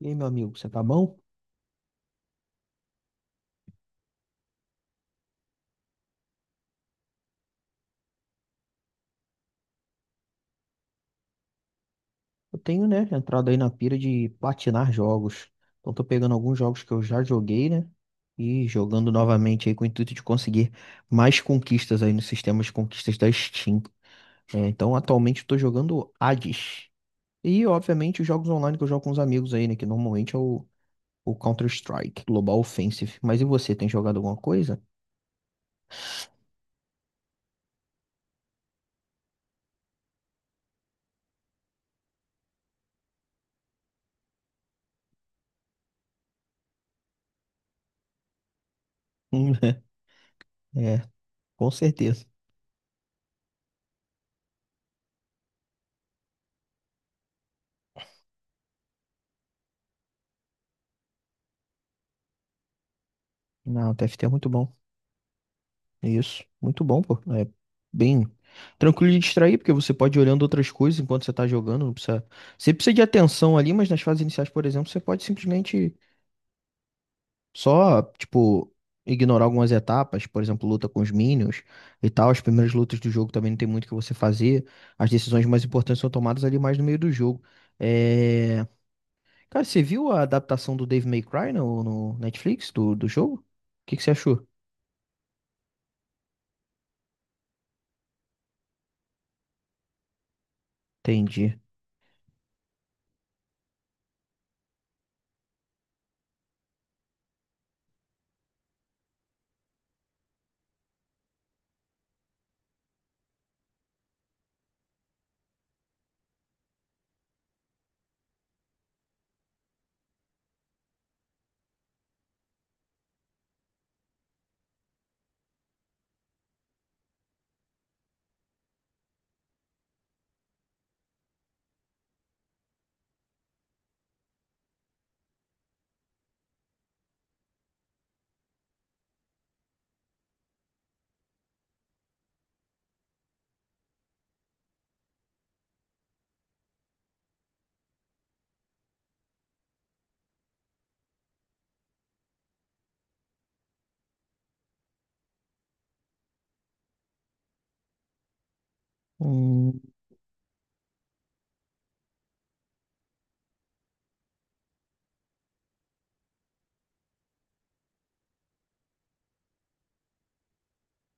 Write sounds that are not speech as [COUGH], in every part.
E aí, meu amigo, você tá bom? Eu tenho, né, entrado aí na pira de platinar jogos. Então, tô pegando alguns jogos que eu já joguei, né? E jogando novamente aí com o intuito de conseguir mais conquistas aí no sistema de conquistas da Steam. É, então, atualmente, eu tô jogando Hades. E, obviamente, os jogos online que eu jogo com os amigos aí, né? Que normalmente é o Counter-Strike, Global Offensive. Mas e você, tem jogado alguma coisa? [LAUGHS] É, com certeza. Não, o TFT é muito bom. Isso, muito bom, pô. É bem tranquilo de distrair, porque você pode ir olhando outras coisas enquanto você tá jogando, não precisa. Você precisa de atenção ali, mas nas fases iniciais, por exemplo, você pode simplesmente só, tipo, ignorar algumas etapas, por exemplo, luta com os minions e tal. As primeiras lutas do jogo também não tem muito o que você fazer. As decisões mais importantes são tomadas ali mais no meio do jogo. É... Cara, você viu a adaptação do Dave May Cry no Netflix do jogo? O que que você achou? Entendi.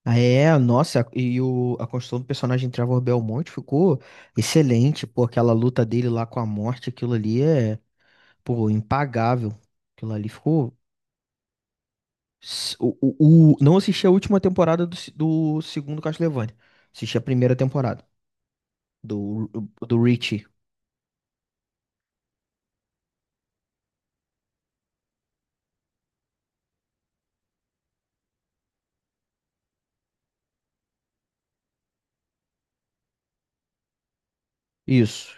É, nossa, e a construção do personagem Trevor Belmont ficou excelente, pô, aquela luta dele lá com a morte, aquilo ali é, pô, impagável. Aquilo ali ficou. Não assisti a última temporada do, do segundo Castlevania, assisti a primeira temporada do, do Richie. Isso,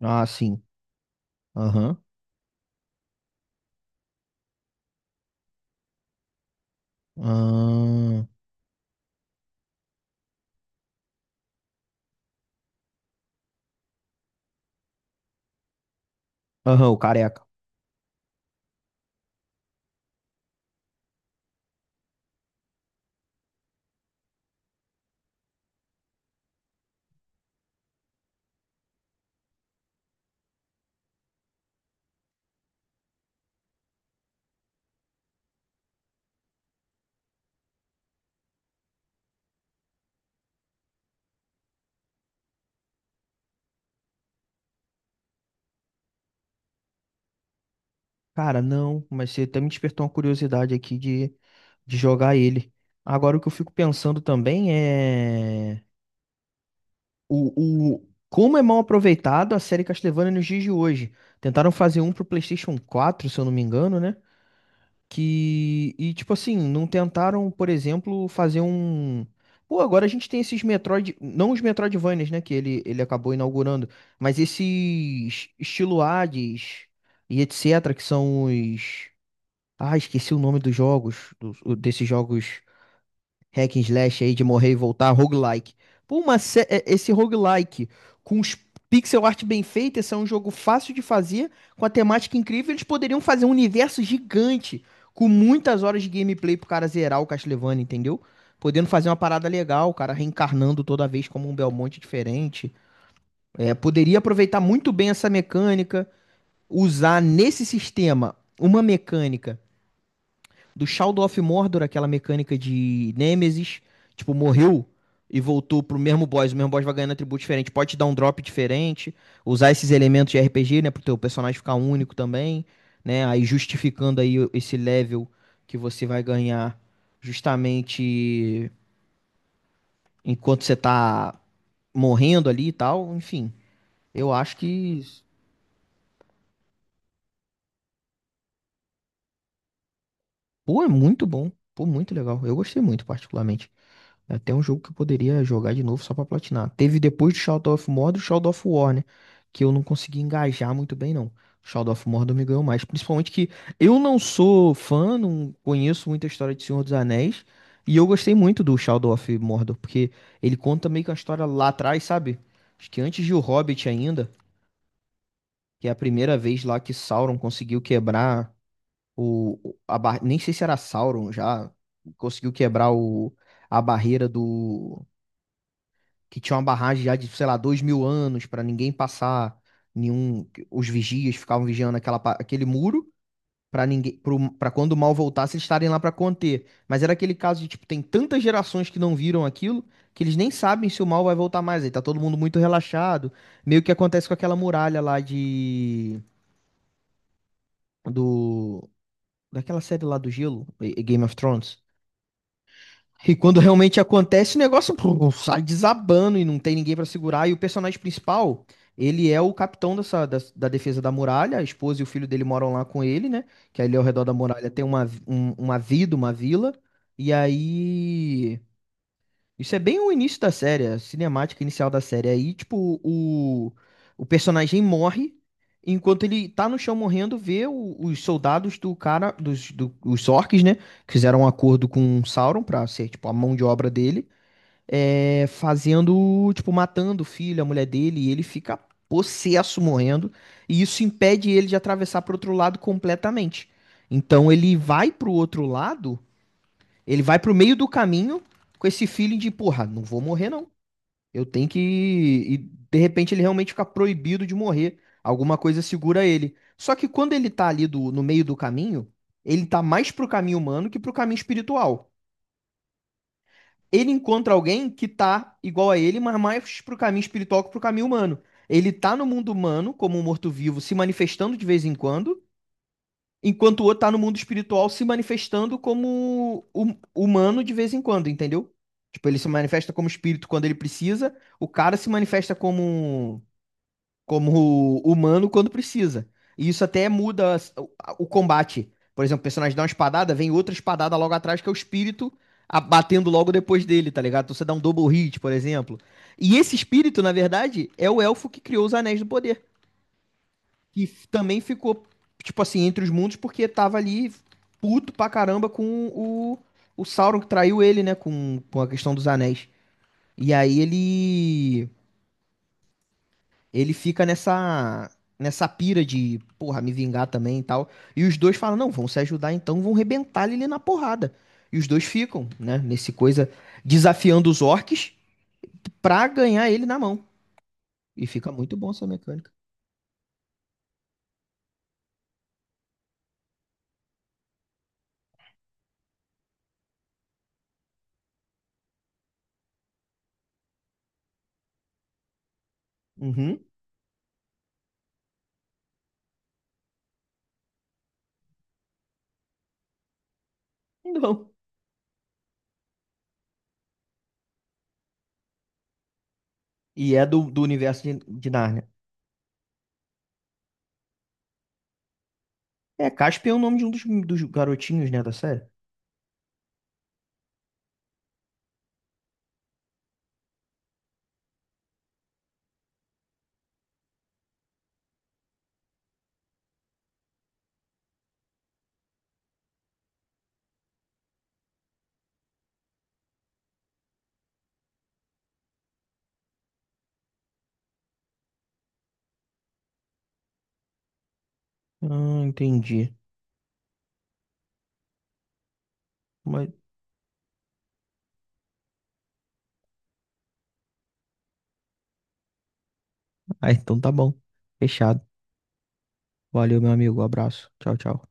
ah, sim, aham, aham, aham, o careca. Cara, não, mas você até me despertou uma curiosidade aqui de jogar ele. Agora, o que eu fico pensando também é o como é mal aproveitado a série Castlevania nos dias de hoje. Tentaram fazer um pro PlayStation 4 se eu não me engano, né? Que, e tipo assim, não tentaram, por exemplo, fazer um. Pô, agora a gente tem esses Metroid. Não os Metroidvanias, né? Que ele acabou inaugurando, mas esses estilo Hades e etc., que são os. Ah, esqueci o nome dos jogos, desses jogos hack and slash aí de morrer e voltar, roguelike. Pô, esse roguelike com os pixel art bem feita, esse é um jogo fácil de fazer, com a temática incrível, eles poderiam fazer um universo gigante, com muitas horas de gameplay pro cara zerar o Castlevania, entendeu? Podendo fazer uma parada legal, o cara reencarnando toda vez como um Belmonte diferente. É, poderia aproveitar muito bem essa mecânica, usar nesse sistema uma mecânica do Shadow of Mordor, aquela mecânica de Nemesis, tipo, morreu e voltou pro mesmo boss, o mesmo boss vai ganhando atributo diferente, pode te dar um drop diferente, usar esses elementos de RPG, né, pro teu personagem ficar único também, né, aí justificando aí esse level que você vai ganhar justamente enquanto você tá morrendo ali e tal, enfim, eu acho que, pô, é muito bom, pô, muito legal, eu gostei muito particularmente. É até um jogo que eu poderia jogar de novo só pra platinar. Teve depois do Shadow of Mordor, o Shadow of War, né? Que eu não consegui engajar muito bem, não. O Shadow of Mordor me ganhou mais. Principalmente que eu não sou fã, não conheço muita história de Senhor dos Anéis. E eu gostei muito do Shadow of Mordor, porque ele conta meio que uma história lá atrás, sabe? Acho que antes de O Hobbit ainda, que é a primeira vez lá que Sauron conseguiu quebrar a Nem sei se era Sauron já, conseguiu quebrar a barreira do que tinha uma barragem já de, sei lá, dois mil anos para ninguém passar, nenhum, os vigias ficavam vigiando aquela, aquele muro para ninguém, para quando o mal voltasse eles estarem lá para conter. Mas era aquele caso de tipo tem tantas gerações que não viram aquilo que eles nem sabem se o mal vai voltar mais. Aí tá todo mundo muito relaxado, meio que acontece com aquela muralha lá de do daquela série lá do gelo, e Game of Thrones. E quando realmente acontece, o negócio pô, sai desabando e não tem ninguém pra segurar. E o personagem principal, ele é o capitão dessa, da defesa da muralha. A esposa e o filho dele moram lá com ele, né? Que ali ao redor da muralha tem uma vida, uma vila. E aí isso é bem o início da série, a cinemática inicial da série. Aí, tipo, o personagem morre, enquanto ele tá no chão morrendo, vê os soldados do cara, os orcs, né? Que fizeram um acordo com o Sauron pra ser, tipo, a mão de obra dele, é, fazendo, tipo, matando o filho, a mulher dele, e ele fica possesso morrendo, e isso impede ele de atravessar pro outro lado completamente. Então ele vai pro outro lado ele vai pro meio do caminho com esse feeling de, porra, não vou morrer não. Eu tenho que. E de repente ele realmente fica proibido de morrer. Alguma coisa segura ele. Só que quando ele tá ali no meio do caminho, ele tá mais pro caminho humano que pro caminho espiritual. Ele encontra alguém que tá igual a ele, mas mais pro caminho espiritual que pro caminho humano. Ele tá no mundo humano, como um morto-vivo, se manifestando de vez em quando, enquanto o outro tá no mundo espiritual se manifestando como humano de vez em quando, entendeu? Tipo, ele se manifesta como espírito quando ele precisa, o cara se manifesta como, como humano quando precisa. E isso até muda o combate. Por exemplo, o personagem dá uma espadada, vem outra espadada logo atrás, que é o espírito batendo logo depois dele, tá ligado? Então você dá um double hit, por exemplo. E esse espírito, na verdade, é o elfo que criou os Anéis do Poder que também ficou, tipo assim, entre os mundos, porque tava ali puto pra caramba com o Sauron que traiu ele, né? Com a questão dos anéis. E aí ele. Ele fica nessa. Nessa pira de, porra, me vingar também e tal. E os dois falam, não, vão se ajudar então, vão rebentar ele ali na porrada. E os dois ficam, né? Nesse coisa, desafiando os orcs pra ganhar ele na mão. E fica muito bom essa mecânica. Uhum. Não. E é do, do universo de Nárnia. É, Casper é o nome de um dos, dos garotinhos, né, da série? Ah, entendi. Mas... Ah, então tá bom. Fechado. Valeu, meu amigo. Abraço. Tchau, tchau.